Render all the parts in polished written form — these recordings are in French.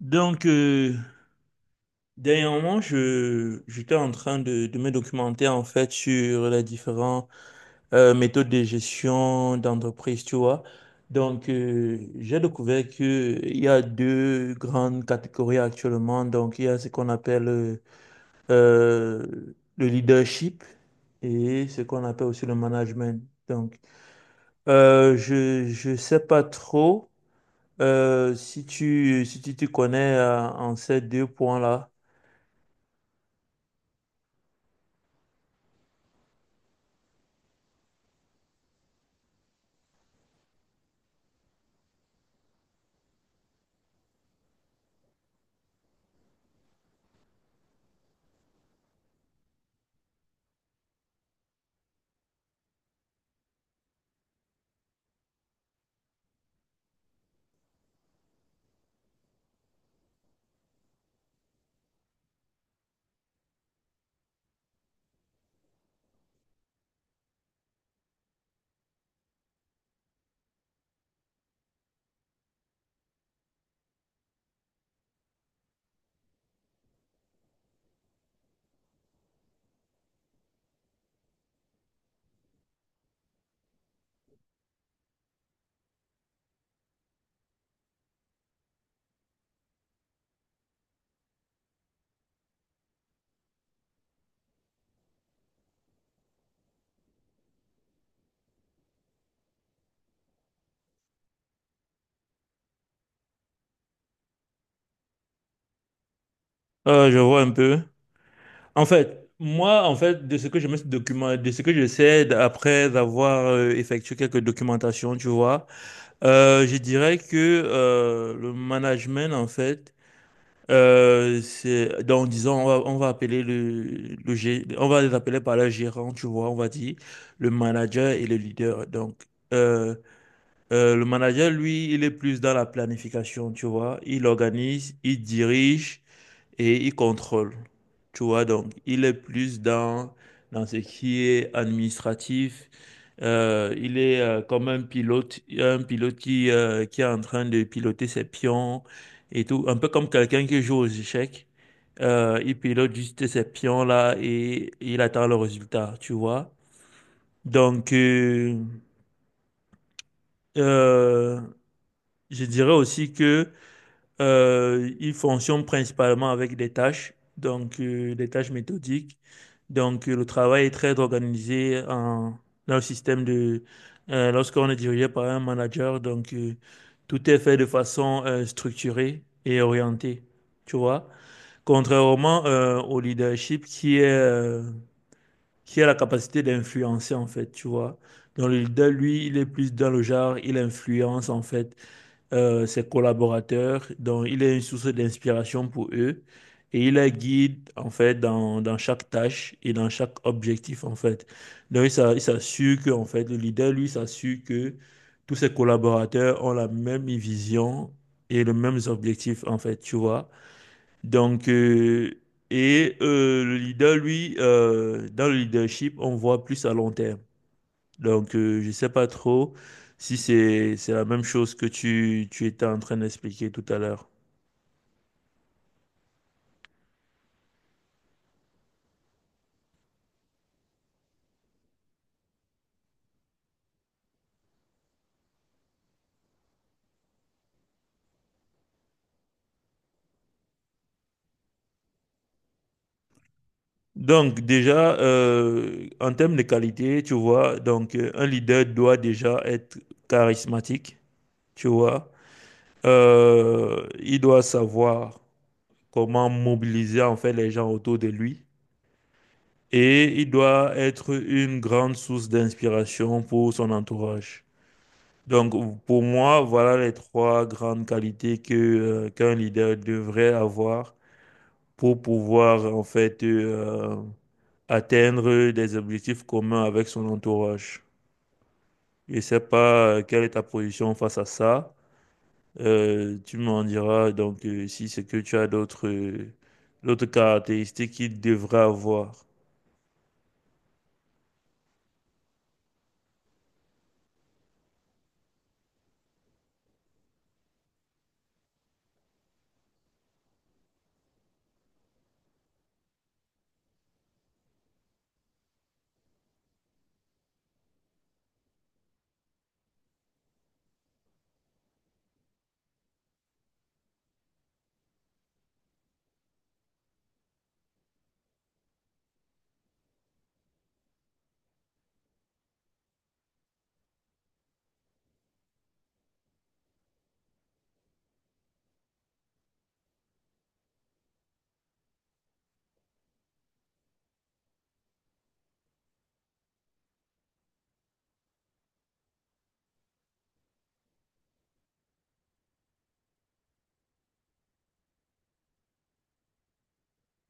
Donc, euh, Dernièrement, j'étais en train de me documenter en fait sur les différentes méthodes de gestion d'entreprise, tu vois. J'ai découvert qu'il y a deux grandes catégories actuellement. Donc, il y a ce qu'on appelle euh, le leadership et ce qu'on appelle aussi le management. Donc, je sais pas trop si tu te connais en ces deux points-là. Je vois un peu. En fait, moi, en fait, de ce que je me suis document, de ce que je sais après avoir effectué quelques documentations, tu vois, je dirais que le management, en fait, c'est, donc disons, on va appeler on va les appeler par leur gérant, tu vois, on va dire le manager et le leader. Euh, le manager, lui, il est plus dans la planification, tu vois, il organise, il dirige et il contrôle. Tu vois, donc il est plus dans ce qui est administratif. Il est comme un pilote qui est en train de piloter ses pions et tout. Un peu comme quelqu'un qui joue aux échecs. Il pilote juste ses pions là et il attend le résultat, tu vois. Donc, euh, euh, je dirais aussi que il fonctionne principalement avec des tâches, donc des tâches méthodiques. Le travail est très organisé dans le système de... lorsqu'on est dirigé par un manager, donc tout est fait de façon structurée et orientée, tu vois. Contrairement au leadership qui est, qui a la capacité d'influencer, en fait, tu vois. Donc le leader, lui, il est plus dans le genre, il influence, en fait ses collaborateurs. Donc, il est une source d'inspiration pour eux et il les guide, en fait, dans chaque tâche et dans chaque objectif, en fait. Donc, il s'assure que, en fait, le leader, lui, s'assure que tous ses collaborateurs ont la même vision et les mêmes objectifs, en fait, tu vois. Donc, euh, le leader, lui, dans le leadership, on voit plus à long terme. Je sais pas trop si c'est la même chose que tu étais en train d'expliquer tout à l'heure. En termes de qualité, tu vois, donc un leader doit déjà être charismatique, tu vois. Il doit savoir comment mobiliser en fait les gens autour de lui et il doit être une grande source d'inspiration pour son entourage. Donc, pour moi, voilà les trois grandes qualités que, qu'un leader devrait avoir pour pouvoir, en fait, atteindre des objectifs communs avec son entourage. Je ne sais pas quelle est ta position face à ça. Tu m'en diras donc si c'est que tu as d'autres d'autres caractéristiques qu'il devrait avoir.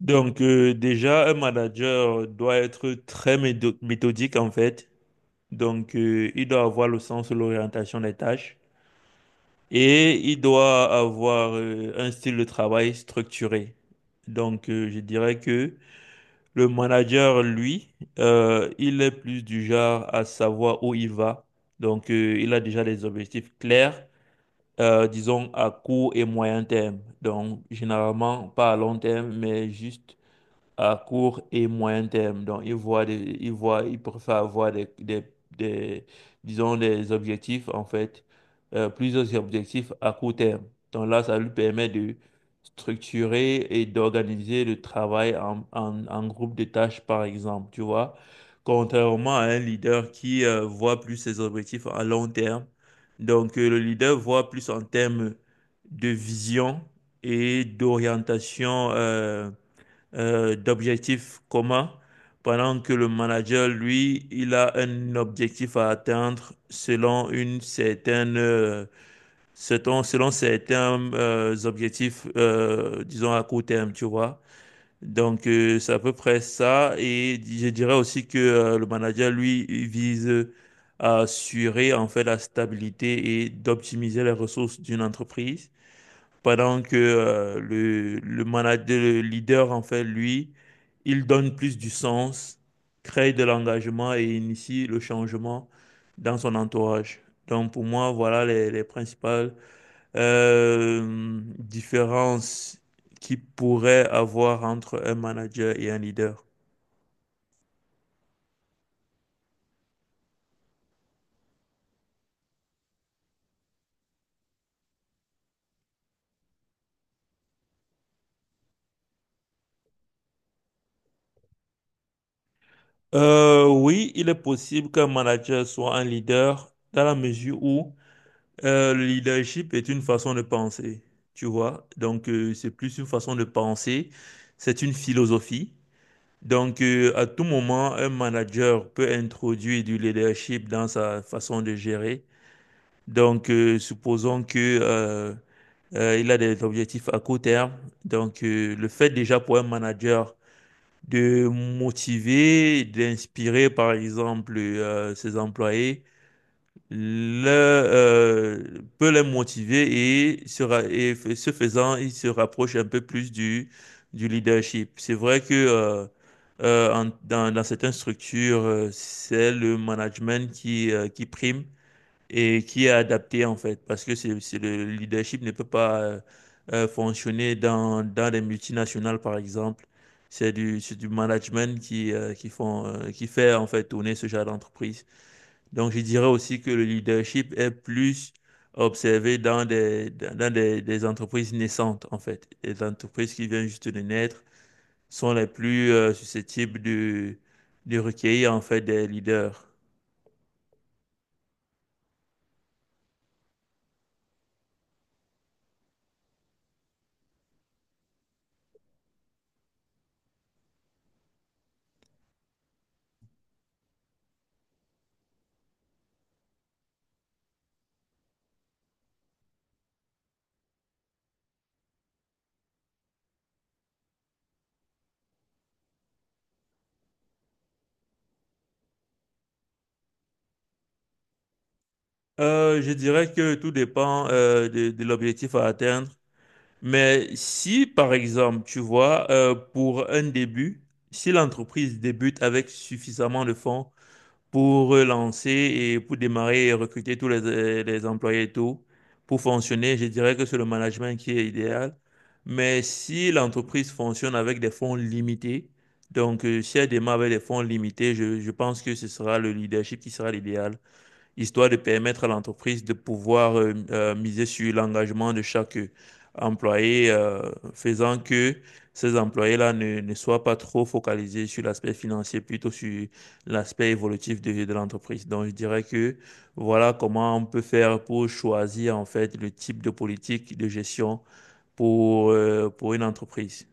Un manager doit être très méthodique, en fait. Donc, il doit avoir le sens de l'orientation des tâches et il doit avoir un style de travail structuré. Donc, je dirais que le manager, lui, il est plus du genre à savoir où il va. Donc, il a déjà des objectifs clairs, disons à court et moyen terme. Donc, généralement, pas à long terme, mais juste à court et moyen terme. Donc, ils voient, ils préfèrent avoir des- disons, des objectifs, en fait, plusieurs objectifs à court terme. Donc là, ça lui permet de structurer et d'organiser le travail en groupe de tâches, par exemple, tu vois. Contrairement à un leader qui voit plus ses objectifs à long terme. Donc, le leader voit plus en termes de vision et d'orientation. D'objectifs communs, pendant que le manager, lui, il a un objectif à atteindre selon une certaine, selon certains objectifs, disons à court terme, tu vois. Donc, c'est à peu près ça. Et je dirais aussi que le manager, lui, il vise à assurer en fait la stabilité et d'optimiser les ressources d'une entreprise. Pendant que le leader, en fait, lui, il donne plus du sens, crée de l'engagement et initie le changement dans son entourage. Donc pour moi, voilà les principales différences qu'il pourrait avoir entre un manager et un leader. Oui, il est possible qu'un manager soit un leader dans la mesure où le leadership est une façon de penser, tu vois. Donc, c'est plus une façon de penser, c'est une philosophie. Donc, à tout moment, un manager peut introduire du leadership dans sa façon de gérer. Donc, supposons que il a des objectifs à court terme. Donc, le fait déjà pour un manager de motiver, d'inspirer, par exemple, ses employés le, peut les motiver et, se ra- et f- ce faisant, ils se rapprochent un peu plus du leadership. C'est vrai que dans certaines structures, c'est le management qui prime et qui est adapté en fait, parce que c'est le leadership ne peut pas fonctionner dans les multinationales, par exemple. C'est du management qui, qui fait en fait tourner ce genre d'entreprise. Donc, je dirais aussi que le leadership est plus observé dans des entreprises naissantes, en fait. Les entreprises qui viennent juste de naître sont les plus susceptibles de recueillir, en fait, des leaders. Je dirais que tout dépend de l'objectif à atteindre. Mais si, par exemple, tu vois, pour un début, si l'entreprise débute avec suffisamment de fonds, pour relancer et pour démarrer et recruter tous les employés et tout, pour fonctionner, je dirais que c'est le management qui est idéal. Mais si l'entreprise fonctionne avec des fonds limités, donc si elle démarre avec des fonds limités, je pense que ce sera le leadership qui sera l'idéal histoire de permettre à l'entreprise de pouvoir miser sur l'engagement de chaque employé, faisant que ces employés-là ne soient pas trop focalisés sur l'aspect financier, plutôt sur l'aspect évolutif de l'entreprise. Donc, je dirais que voilà comment on peut faire pour choisir en fait le type de politique de gestion pour une entreprise.